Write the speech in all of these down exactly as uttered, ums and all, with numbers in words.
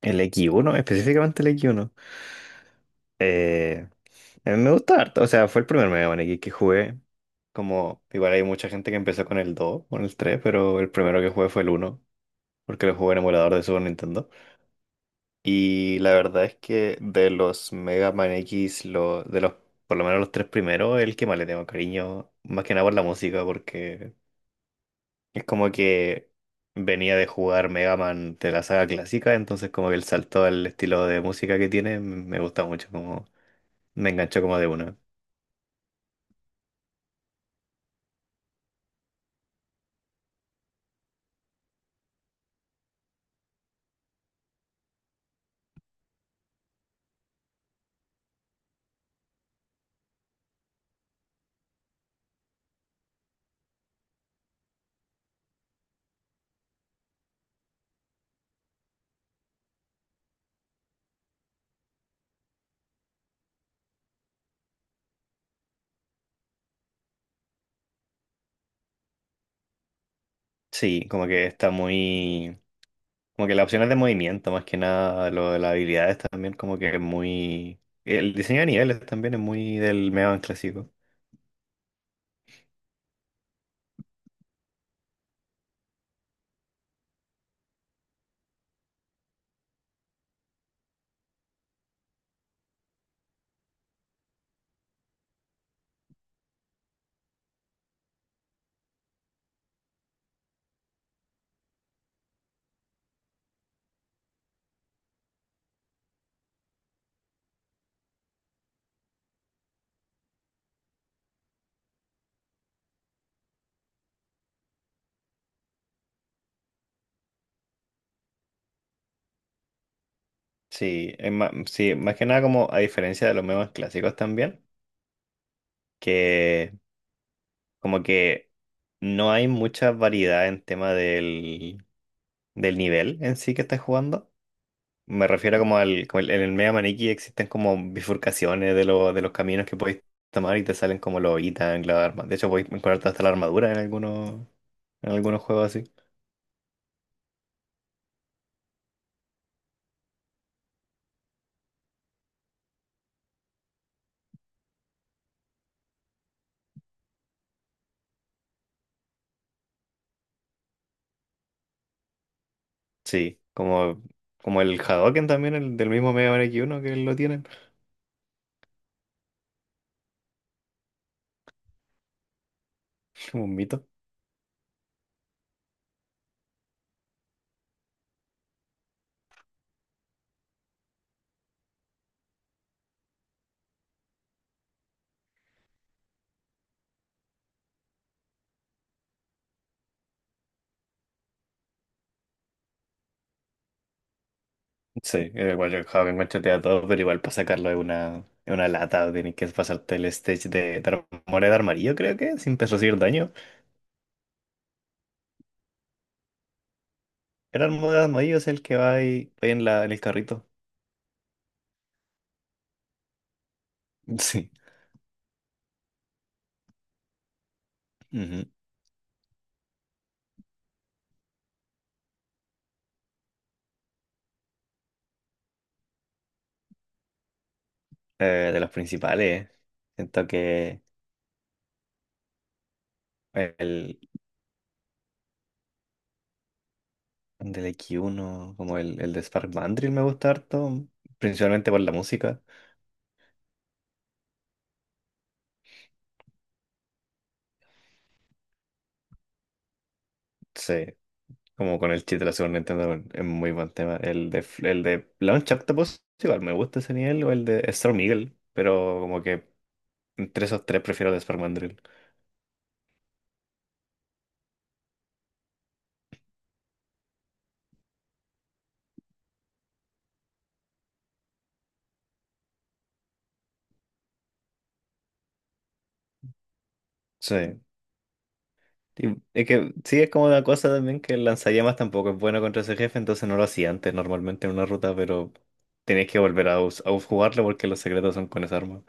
El x uno, específicamente el x uno. Eh, a mí me gusta harto, o sea, fue el primer Mega Man X que jugué. Como, igual hay mucha gente que empezó con el dos o con el tres, pero el primero que jugué fue el uno, porque lo jugué en emulador de Super Nintendo. Y la verdad es que de los Mega Man X, lo, de los, por lo menos los tres primeros, el que más le tengo cariño, más que nada por la música, porque es como que venía de jugar Mega Man de la saga clásica, entonces como que el salto al estilo de música que tiene me gusta mucho, como me enganchó como de una. Sí, como que está muy... Como que las opciones de movimiento, más que nada, lo de las habilidades también, como que es muy... El diseño de niveles también es muy del Mega Man clásico. Sí, es ma- sí, más que nada como a diferencia de los Mega Man clásicos también, que como que no hay mucha variedad en tema del del nivel en sí que estás jugando. Me refiero como al, como el- en el Mega Maniki existen como bifurcaciones de, lo- de los caminos que podéis tomar y te salen como los ítems, las armas. De hecho, podéis encontrarte hasta la armadura en algunos, en algunos juegos así. Sí, como, como el Hadoken también, el del mismo Mega Man X uno que lo tienen, como un mito. Sí, eh, igual el Hadoken machetea todo, pero igual para sacarlo es una, es una lata, tienes que pasarte el stage de, de armadura de armarillo, creo que, sin recibir daño. Era Armadillos el que va ahí, va ahí en la, en el carrito. Sí. Ujú. Eh, de los principales. Siento que el del x uno, como el, el de Spark Mandrill, me gusta harto, principalmente por la música. Sí, como con el chip de la Super Nintendo es muy buen tema. El de, F- el de Launch Octopus, igual me gusta ese nivel, o el de Storm Eagle, pero como que entre esos tres prefiero el de Spark Mandrill. Sí. Y es que sí, es como una cosa también que el lanzallamas tampoco es bueno contra ese jefe, entonces no lo hacía antes normalmente en una ruta, pero tenéis que volver a, us- a jugarlo porque los secretos son con esa arma.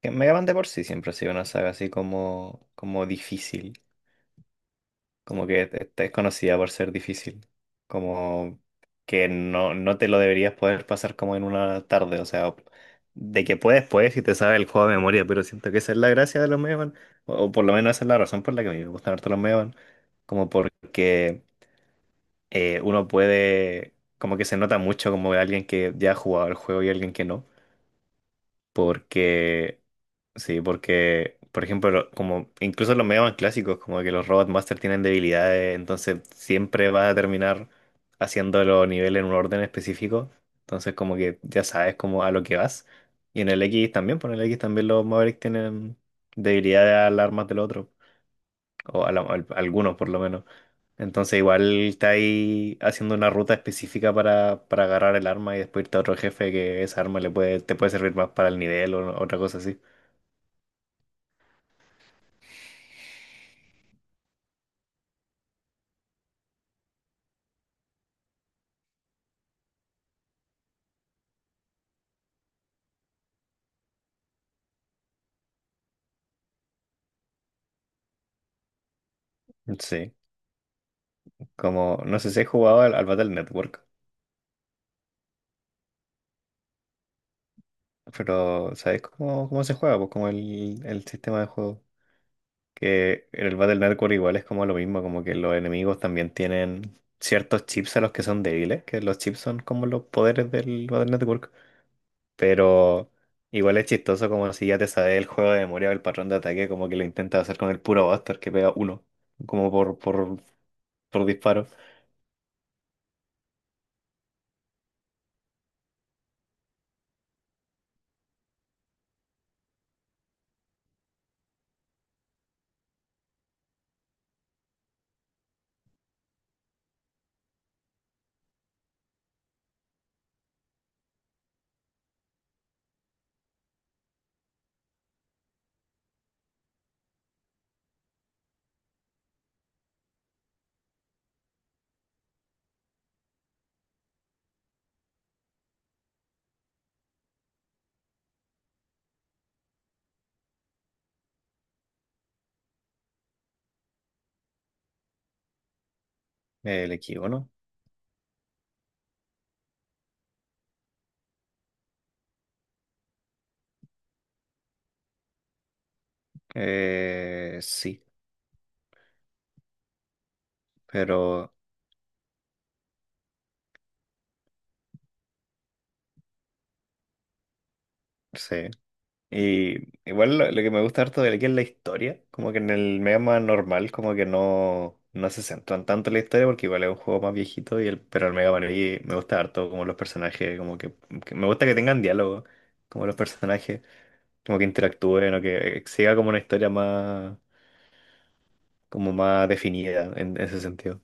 Que Mega Man de por sí siempre ha sido una saga así como, como difícil. Como que te- te es conocida por ser difícil. Como que no, no te lo deberías poder pasar como en una tarde. O sea, de que puedes, puedes y te sabe el juego de memoria, pero siento que esa es la gracia de los Megaman. O, o por lo menos esa es la razón por la que a mí me gustan harto los Megaman. Como porque eh, uno puede. Como que se nota mucho como alguien que ya ha jugado el juego y alguien que no. Porque. Sí, porque, por ejemplo, como incluso los medios más clásicos, como que los Robot Master tienen debilidades, entonces siempre va a terminar haciendo los niveles en un orden específico. Entonces, como que ya sabes como a lo que vas. Y en el X también, por el X también los Mavericks tienen debilidades a las armas del otro, o a la- al- algunos por lo menos. Entonces, igual está ahí haciendo una ruta específica para, para agarrar el arma y después irte a otro jefe que esa arma le puede, te puede servir más para el nivel o otra cosa así. Sí. Como, no sé si he jugado al, al Battle Network, pero ¿sabes cómo, cómo se juega? Pues como el, el sistema de juego. Que en el Battle Network igual es como lo mismo, como que los enemigos también tienen ciertos chips a los que son débiles, que los chips son como los poderes del Battle Network. Pero igual es chistoso como si ya te sabes el juego de memoria o el patrón de ataque, como que lo intentas hacer con el puro Buster que pega uno, como por, por, por disparo. El equipo, ¿no? Eh, sí, pero... Sí. Y igual lo, lo que me gusta harto de aquí es la historia, como que en el Mega Man normal como que no, no se centran tanto en la historia porque igual es un juego más viejito, y el, pero el Mega Man X me gusta harto como los personajes, como que, que me gusta que tengan diálogo, como los personajes, como que interactúen o que siga como una historia más, como más definida en ese sentido.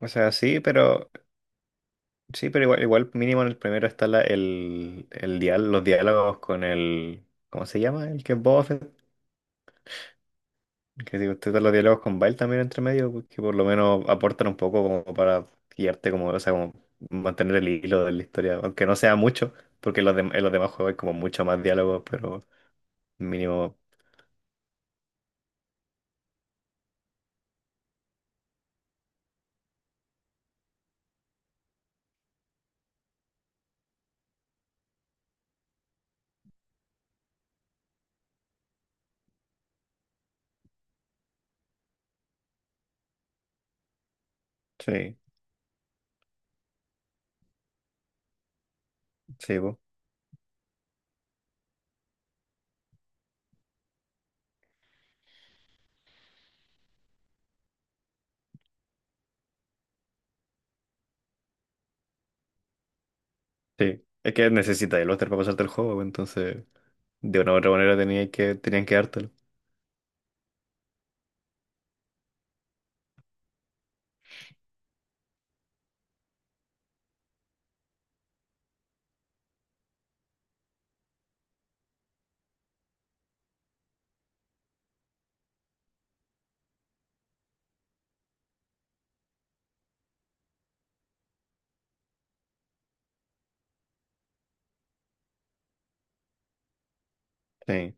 O sea, sí, pero sí, pero igual, igual mínimo en el primero está la, el, el dial, los diálogos con el, ¿cómo se llama? El que es Boba Fett. Que si usted da los diálogos con Bile también entre medio, pues, que por lo menos aportan un poco como para guiarte, como, o sea, como mantener el hilo de la historia, aunque no sea mucho, porque en los, dem- en los demás juegos hay como mucho más diálogo, pero mínimo, sí, sí, po, sí. Es que necesita el Oster para pasarte el juego, pues, entonces de una u otra manera tenía que, tenían que dártelo. Sí.